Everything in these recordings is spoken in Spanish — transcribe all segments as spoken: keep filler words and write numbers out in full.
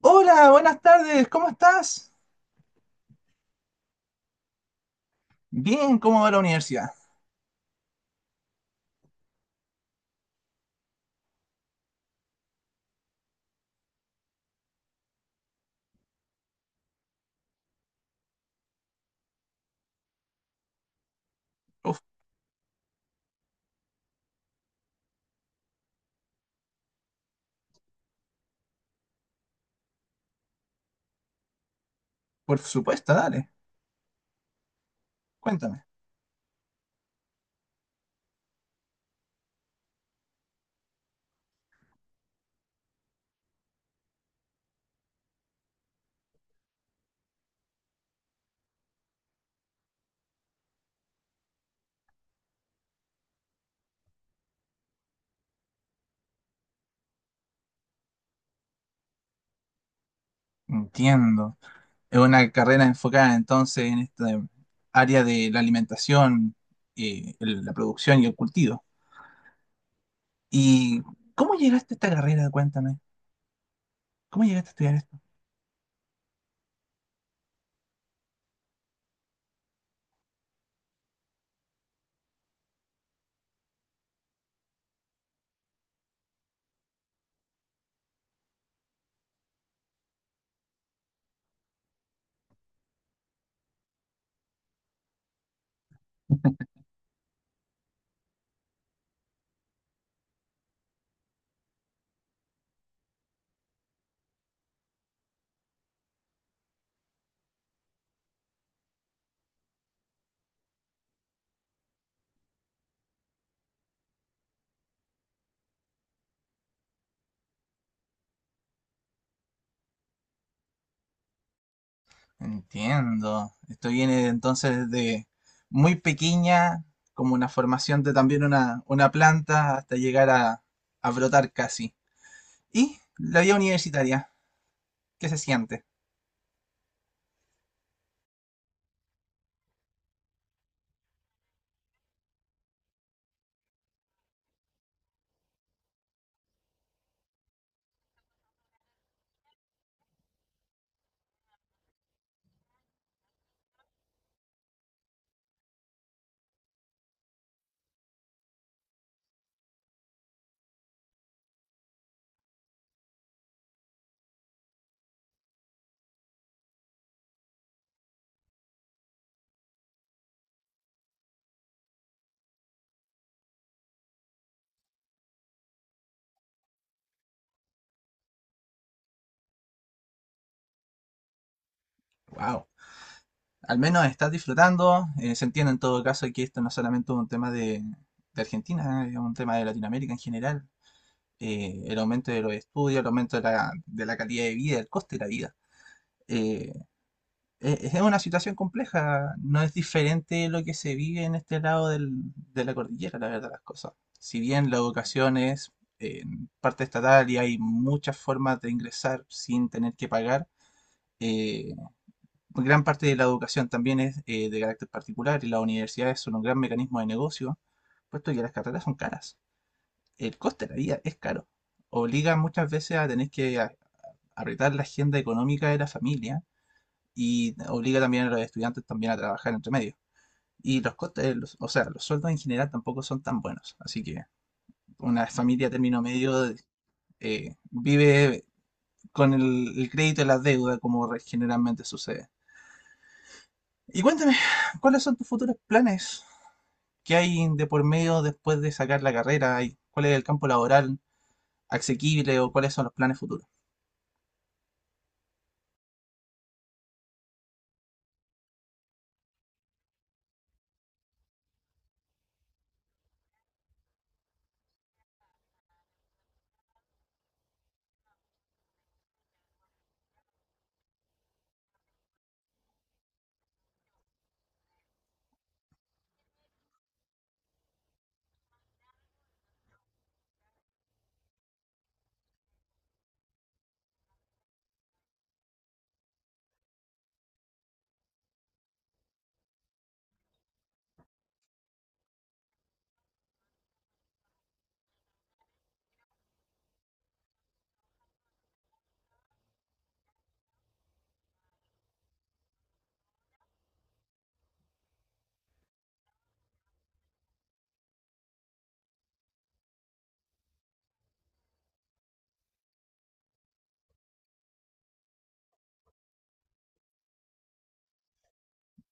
Hola, buenas tardes, ¿cómo estás? Bien, ¿cómo va la universidad? Uf, por supuesto, dale, cuéntame. Entiendo. Es una carrera enfocada entonces en esta área de la alimentación, eh, el- la producción y el cultivo. ¿Y cómo llegaste a esta carrera? Cuéntame. ¿Cómo llegaste a estudiar esto? Entiendo. Esto viene entonces de muy pequeña, como una formación de también una, una planta, hasta llegar a, a brotar casi. Y la vida universitaria, ¿qué se siente? Wow. Al menos estás disfrutando. Eh, se entiende en todo caso que esto no es solamente un tema de, de Argentina, es un tema de Latinoamérica en general. Eh, el aumento de los estudios, el aumento de la, de la calidad de vida, el coste de la vida. Eh, eh, es una situación compleja, no es diferente lo que se vive en este lado del- de la cordillera, la verdad, las cosas. Si bien la educación es eh, parte estatal y hay muchas formas de ingresar sin tener que pagar, eh, gran parte de la educación también es eh, de carácter particular y las universidades son un gran mecanismo de negocio, puesto que las carreras son caras. El coste de la vida es caro. Obliga muchas veces a tener que a- apretar la agenda económica de la familia y obliga también a los estudiantes también a trabajar entre medio. Y los costes, los- o sea, los sueldos en general tampoco son tan buenos. Así que una familia término medio eh, vive con el, el crédito y la deuda como re- generalmente sucede. Y cuéntame, ¿cuáles son tus futuros planes? ¿Qué hay de por medio después de sacar la carrera? ¿Y ¿Cuál es el campo laboral asequible o cuáles son los planes futuros?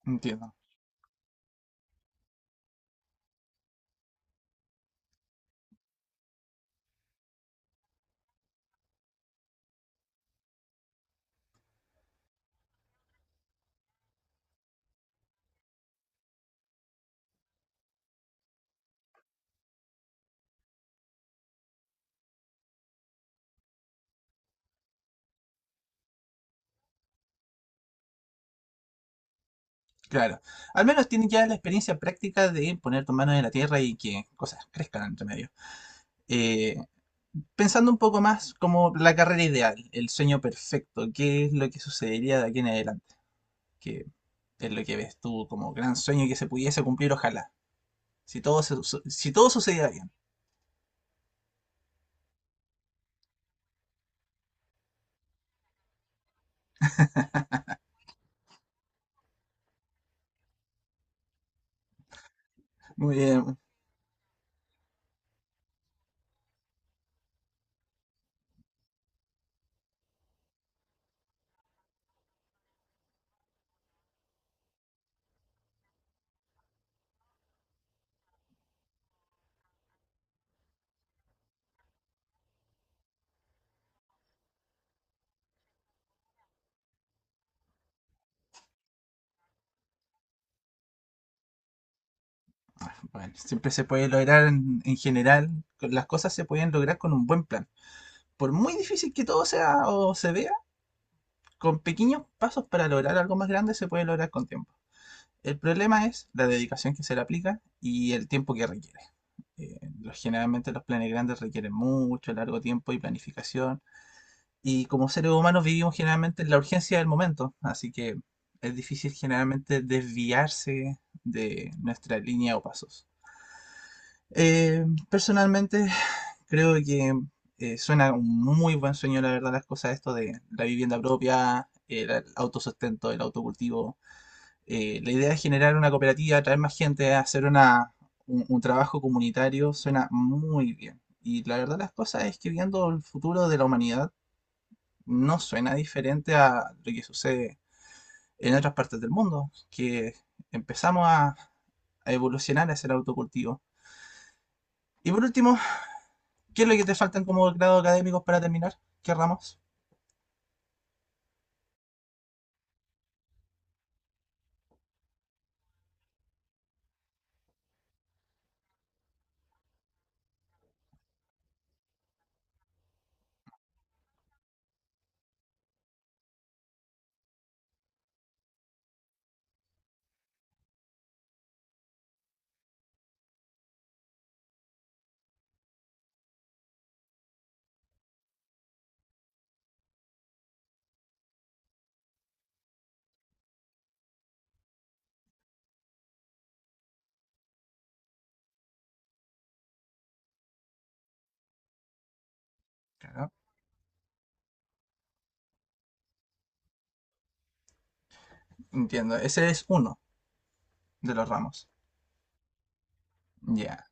Entiendo, claro. Al menos tienes ya la experiencia práctica de poner tus manos en la tierra y que cosas crezcan entre medio. Eh, pensando un poco más como la carrera ideal, el sueño perfecto, qué es lo que sucedería de aquí en adelante, que es lo que ves tú como gran sueño que se pudiese cumplir, ojalá. Si todo, se- su- si todo sucediera bien. Muy bien. Bueno, siempre se puede lograr en, en general. con- Las cosas se pueden lograr con un buen plan. Por muy difícil que todo sea o se vea, con pequeños pasos para lograr algo más grande se puede lograr con tiempo. El problema es la dedicación que se le aplica y el tiempo que requiere. Eh, los- generalmente los planes grandes requieren mucho, largo tiempo y planificación. Y como seres humanos vivimos generalmente en la urgencia del momento, así que es difícil generalmente desviarse de nuestra línea o pasos. Eh, personalmente creo que eh, suena un muy buen sueño, la verdad, las cosas, esto de la vivienda propia, el autosustento, el autocultivo. Eh, la idea es generar una cooperativa, atraer más gente, hacer una, un, un trabajo comunitario, suena muy bien. Y la verdad las cosas es que viendo el futuro de la humanidad no suena diferente a lo que sucede en otras partes del mundo, que empezamos a, a evolucionar hacia el autocultivo. Y por último, ¿qué es lo que te faltan como grado académicos para terminar? ¿Qué ramos? Claro, entiendo. Ese es uno de los ramos. Ya,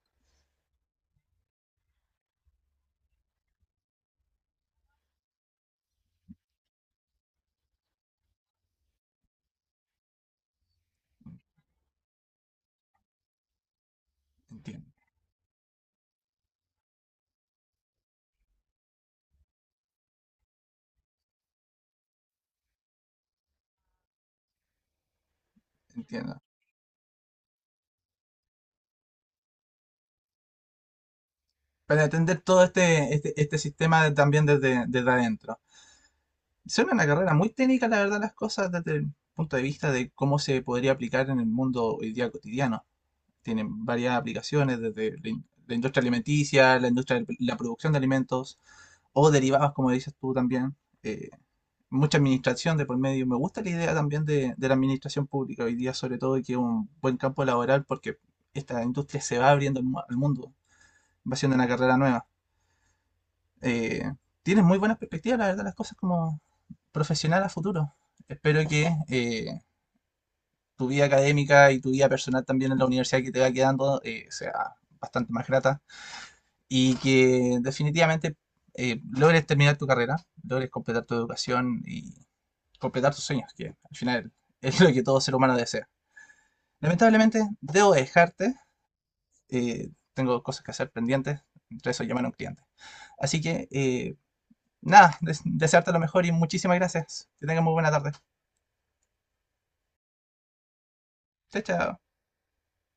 entiendo, entiendo. para atender todo este, este, este sistema de- también desde, desde adentro. Es una carrera muy técnica, la verdad, las cosas desde el punto de vista de cómo se podría aplicar en el mundo hoy día cotidiano. Tienen varias aplicaciones desde la, in- la industria alimenticia, la industria de la producción de alimentos o derivados, como dices tú también. eh, Mucha administración de por medio. Me gusta la idea también de, de la administración pública hoy día, sobre todo, y que es un buen campo laboral porque esta industria se va abriendo al mu- al mundo, va siendo una carrera nueva. eh, Tienes muy buenas perspectivas, la verdad, las cosas como profesional a futuro. Espero que eh, tu vida académica y tu vida personal también en la universidad que te va quedando eh, sea bastante más grata y que definitivamente eh, logres terminar tu carrera, logres completar tu educación y completar tus sueños, que al final es lo que todo ser humano desea. Lamentablemente, debo dejarte, eh, tengo cosas que hacer pendientes, entre eso llamar a un cliente. Así que eh, nada, des- desearte lo mejor y muchísimas gracias. Que tengas muy buena tarde. Chao, chao.